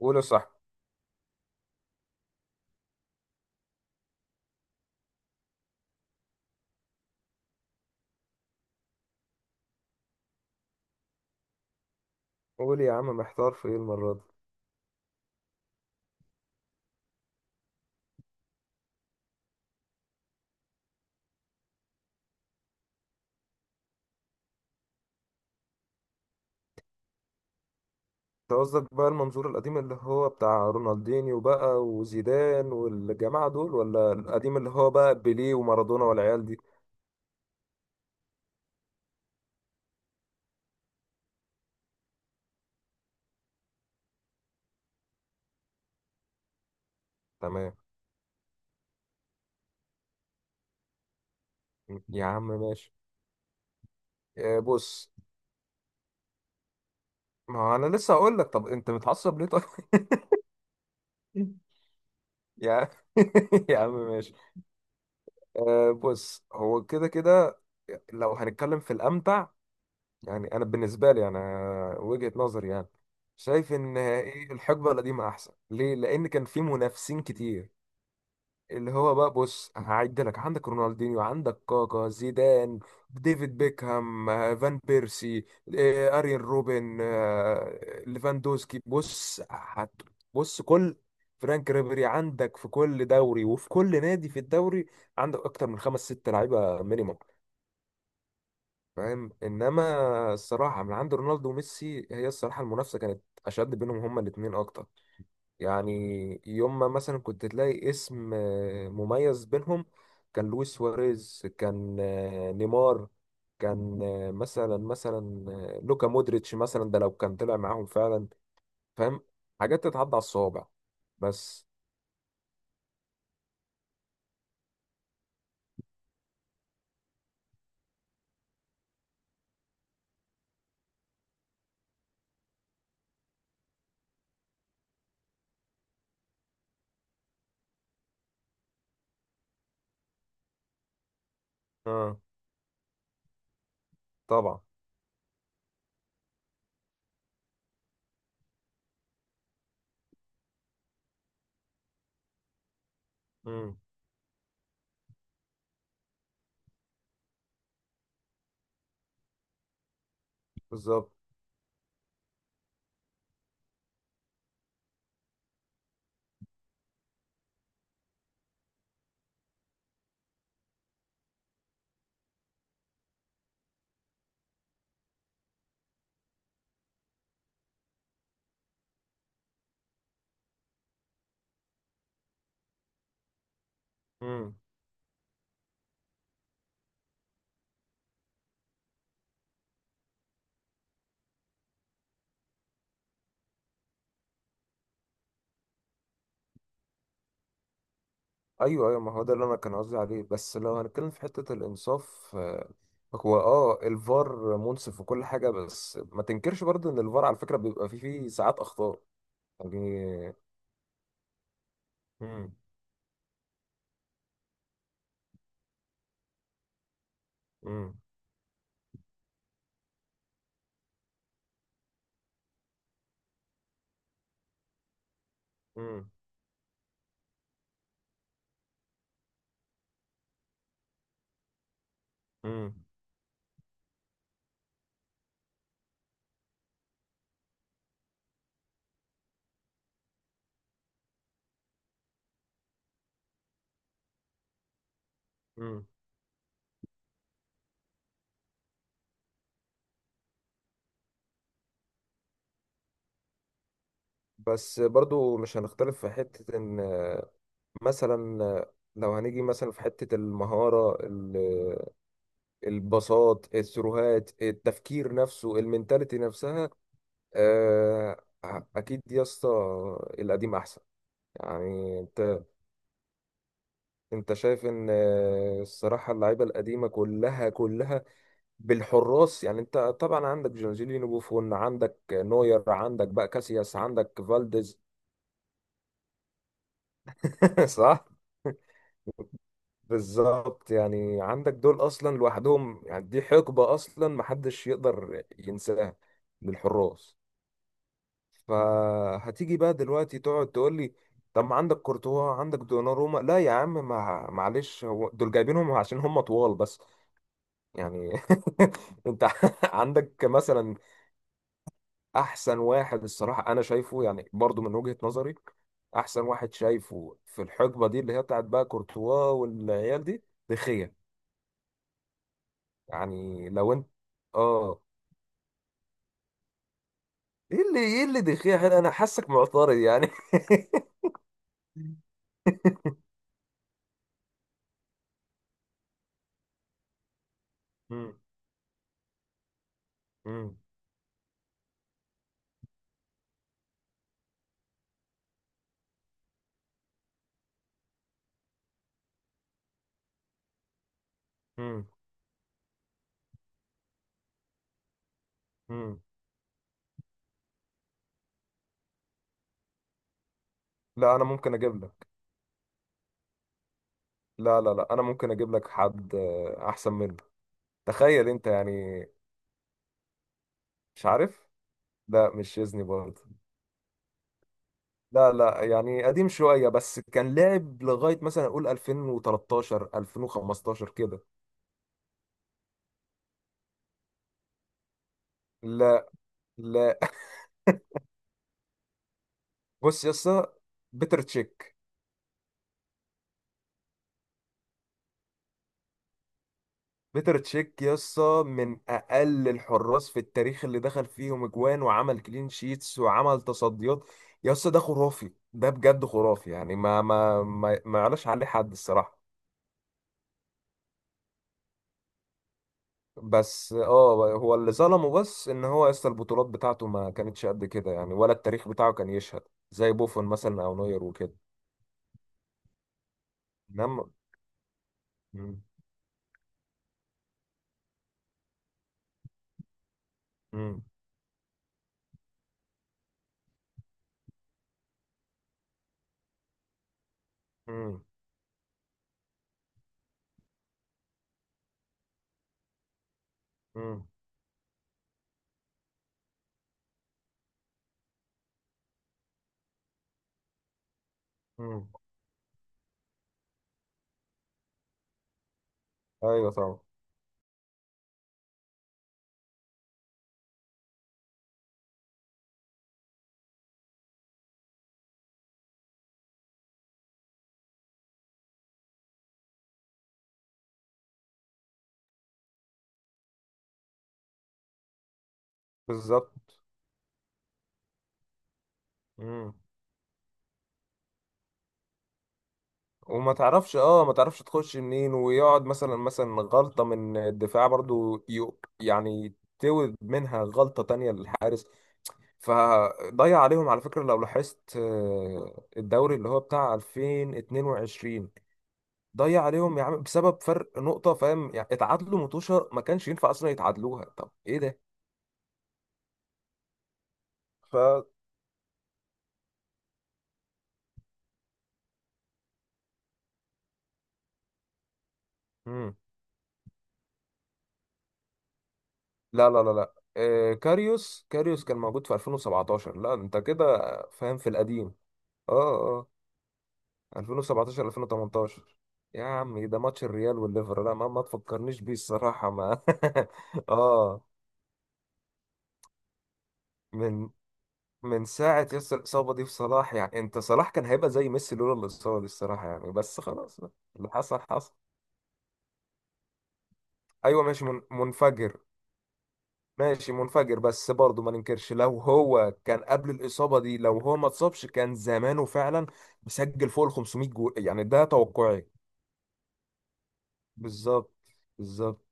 قول يا صاحبي. قول يا عم، محتار في ايه المرة دي؟ انت قصدك بقى المنظور القديم اللي هو بتاع رونالدينيو بقى وزيدان والجماعة دول، ولا القديم اللي هو بقى بيليه ومارادونا والعيال دي؟ تمام. يا عم ماشي. آه، بص. ما هو انا لسه هقول لك. طب انت متعصب ليه طيب؟ يا يا عم ماشي. آه، بص هو كده كده لو هنتكلم في الأمتع يعني. انا بالنسبه لي انا وجهه نظري يعني شايف ان ايه، الحقبه القديمه احسن، ليه؟ لان كان في منافسين كتير. اللي هو بقى بص هعد لك: عندك رونالدينيو، عندك كاكا، زيدان، ديفيد بيكهام، فان بيرسي، اريان روبن، ليفاندوسكي. بص هت بص كل فرانك ريبيري، عندك في كل دوري وفي كل نادي في الدوري عندك اكتر من خمس ست لعيبه مينيمم. فاهم؟ انما الصراحه من عند رونالدو وميسي، هي الصراحه المنافسه كانت اشد بينهم هما الاثنين اكتر يعني. يوم ما مثلا كنت تلاقي اسم مميز بينهم، كان لويس سواريز، كان نيمار، كان آه، مثلا مثلا آه، لوكا مودريتش مثلا، ده لو كان طلع معاهم فعلا. فاهم؟ حاجات تتعدى على الصوابع بس. اه طبعا. امم. بالظبط. امم. ايوه ايوه، ما هو ده اللي انا كان قصدي عليه. بس لو هنتكلم في حته الانصاف، هو اه الفار منصف وكل حاجه، بس ما تنكرش برضه ان الفار على فكره بيبقى فيه ساعات اخطاء يعني. مم، مم، مم، مم، مم. بس برضه مش هنختلف في حته ان آه، مثلا آه، لو هنيجي مثلا في حته المهاره، البساط، الثروهات، التفكير نفسه، المنتاليتي نفسها، آه، اكيد يا اسطى القديم احسن يعني. انت شايف ان الصراحه اللعيبه القديمه كلها كلها بالحراس يعني. انت طبعا عندك جورجينيو، بوفون، عندك نوير، عندك بقى كاسياس، عندك فالديز. صح. بالظبط يعني. عندك دول اصلا لوحدهم، يعني دي حقبه اصلا محدش يقدر ينساها للحراس. فهتيجي بقى دلوقتي تقعد تقول لي طب ما عندك كورتوا، عندك دوناروما. لا يا عم، ما معلش، هو دول جايبينهم عشان هم طوال بس يعني. انت عندك مثلا احسن واحد الصراحه انا شايفه، يعني برضو من وجهه نظري احسن واحد شايفه في الحقبه دي، اللي هي بتاعت بقى كورتوا والعيال دي، دخيه يعني. لو انت اه، ايه اللي، ايه اللي دخيه هنا؟ انا حاسك معترض يعني. مم. مم. مم. مم. لا انا ممكن اجيب لك، لا انا ممكن اجيب لك حد احسن منه. تخيل انت يعني. مش عارف. لا مش شيزني برضه. لا يعني قديم شوية، بس كان لعب لغاية مثلا أقول 2013 2015 كده. لا لا بص يا اسطى، بيتر تشيك. بيتر تشيك يا اسطى من أقل الحراس في التاريخ اللي دخل فيهم أجوان وعمل كلين شيتس وعمل تصديات. يا اسطى ده خرافي، ده بجد خرافي يعني، ما يعلاش عليه حد الصراحة. بس اه، هو اللي ظلمه بس ان هو يا اسطى البطولات بتاعته ما كانتش قد كده يعني، ولا التاريخ بتاعه كان يشهد زي بوفون مثلا او نوير وكده. نعم. مم. مم. مم. مم. مم. ايوه طبعا. بالظبط. مم. وما تعرفش، اه ما تعرفش تخش منين، ويقعد مثلا، غلطة من الدفاع برضو يو يعني تولد منها غلطة تانية للحارس. فضيع عليهم على فكرة لو لاحظت، الدوري اللي هو بتاع 2022 ضيع عليهم يا عم بسبب فرق نقطة. فاهم يعني؟ اتعادلوا متوشة، ما كانش ينفع اصلا يتعادلوها. طب ايه ده؟ ف لا، آه كاريوس، كاريوس كان موجود في 2017، لا انت كده فاهم في القديم. اه اه 2017 2018. يا عم ده ماتش الريال والليفر، لا ما تفكرنيش بيه الصراحة. ما اه. من من ساعة يس الإصابة دي في صلاح يعني، انت صلاح كان هيبقى زي ميسي لولا الإصابة دي الصراحة يعني، بس خلاص بقى. اللي حصل حصل. ايوه ماشي، منفجر، ماشي منفجر، بس برضه ما ننكرش لو هو كان قبل الإصابة دي، لو هو ما اتصابش كان زمانه فعلا مسجل فوق ال 500 جول يعني، ده توقعي. بالظبط. بالظبط.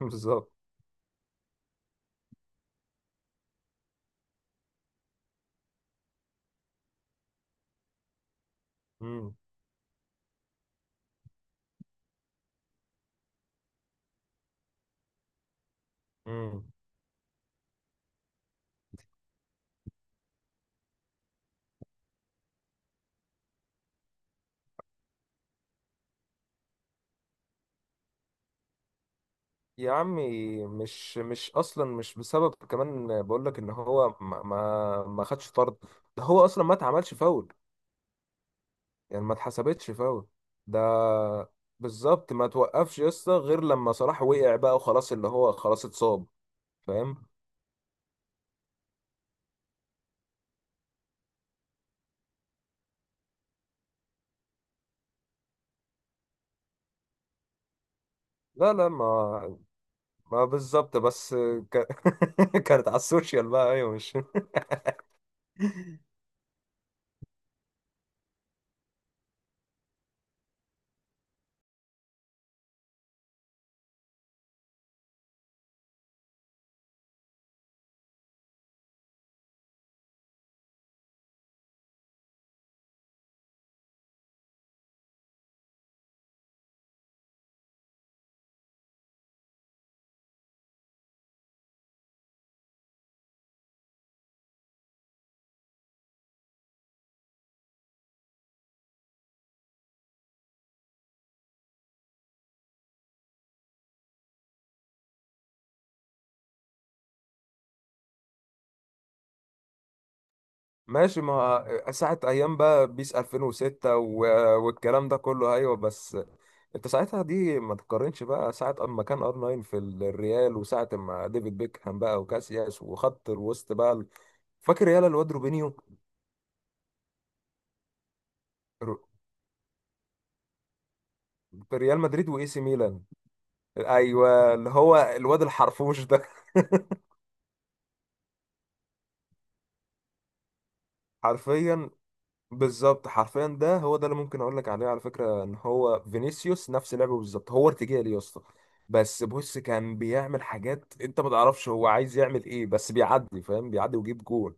بالظبط. مم. مم. يا عمي مش اصلا مش بسبب كمان، بقول لك ان هو ما خدش طرد، ده هو اصلا ما اتعملش فاول يعني، ما اتحسبتش فاول ده. بالظبط. ما توقفش يسطا غير لما صلاح وقع بقى وخلاص، اللي هو خلاص اتصاب. فاهم؟ لا لا ما ما بالظبط بس ك... كانت على السوشيال بقى، ايوه مش ماشي، ما ساعة ايام بقى بيس 2006 و... والكلام ده كله، ايوه. بس انت ساعتها دي ما تقارنش بقى ساعة اما كان ار 9 في الريال، وساعة ما ديفيد بيكهام بقى وكاسياس وخط الوسط بقى فاكر يالا الواد روبينيو؟ رو- في ريال مدريد واي سي ميلان. ايوه اللي هو الواد الحرفوش ده. حرفيا. بالظبط حرفيا، ده هو ده اللي ممكن اقول لك عليه على فكره، ان هو فينيسيوس نفس لعبه بالظبط. هو ارتجالي يا اسطى، بس بص كان بيعمل حاجات انت ما تعرفش هو عايز يعمل ايه، بس بيعدي فاهم، بيعدي ويجيب جول.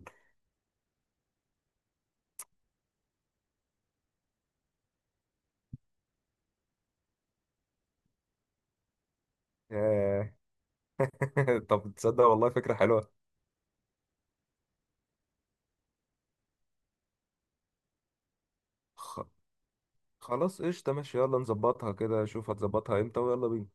آه، طب تصدق والله فكره حلوه. خ- خلاص قشطه ماشي، يلا نظبطها كده، شوف هتظبطها امتى ويلا بينا.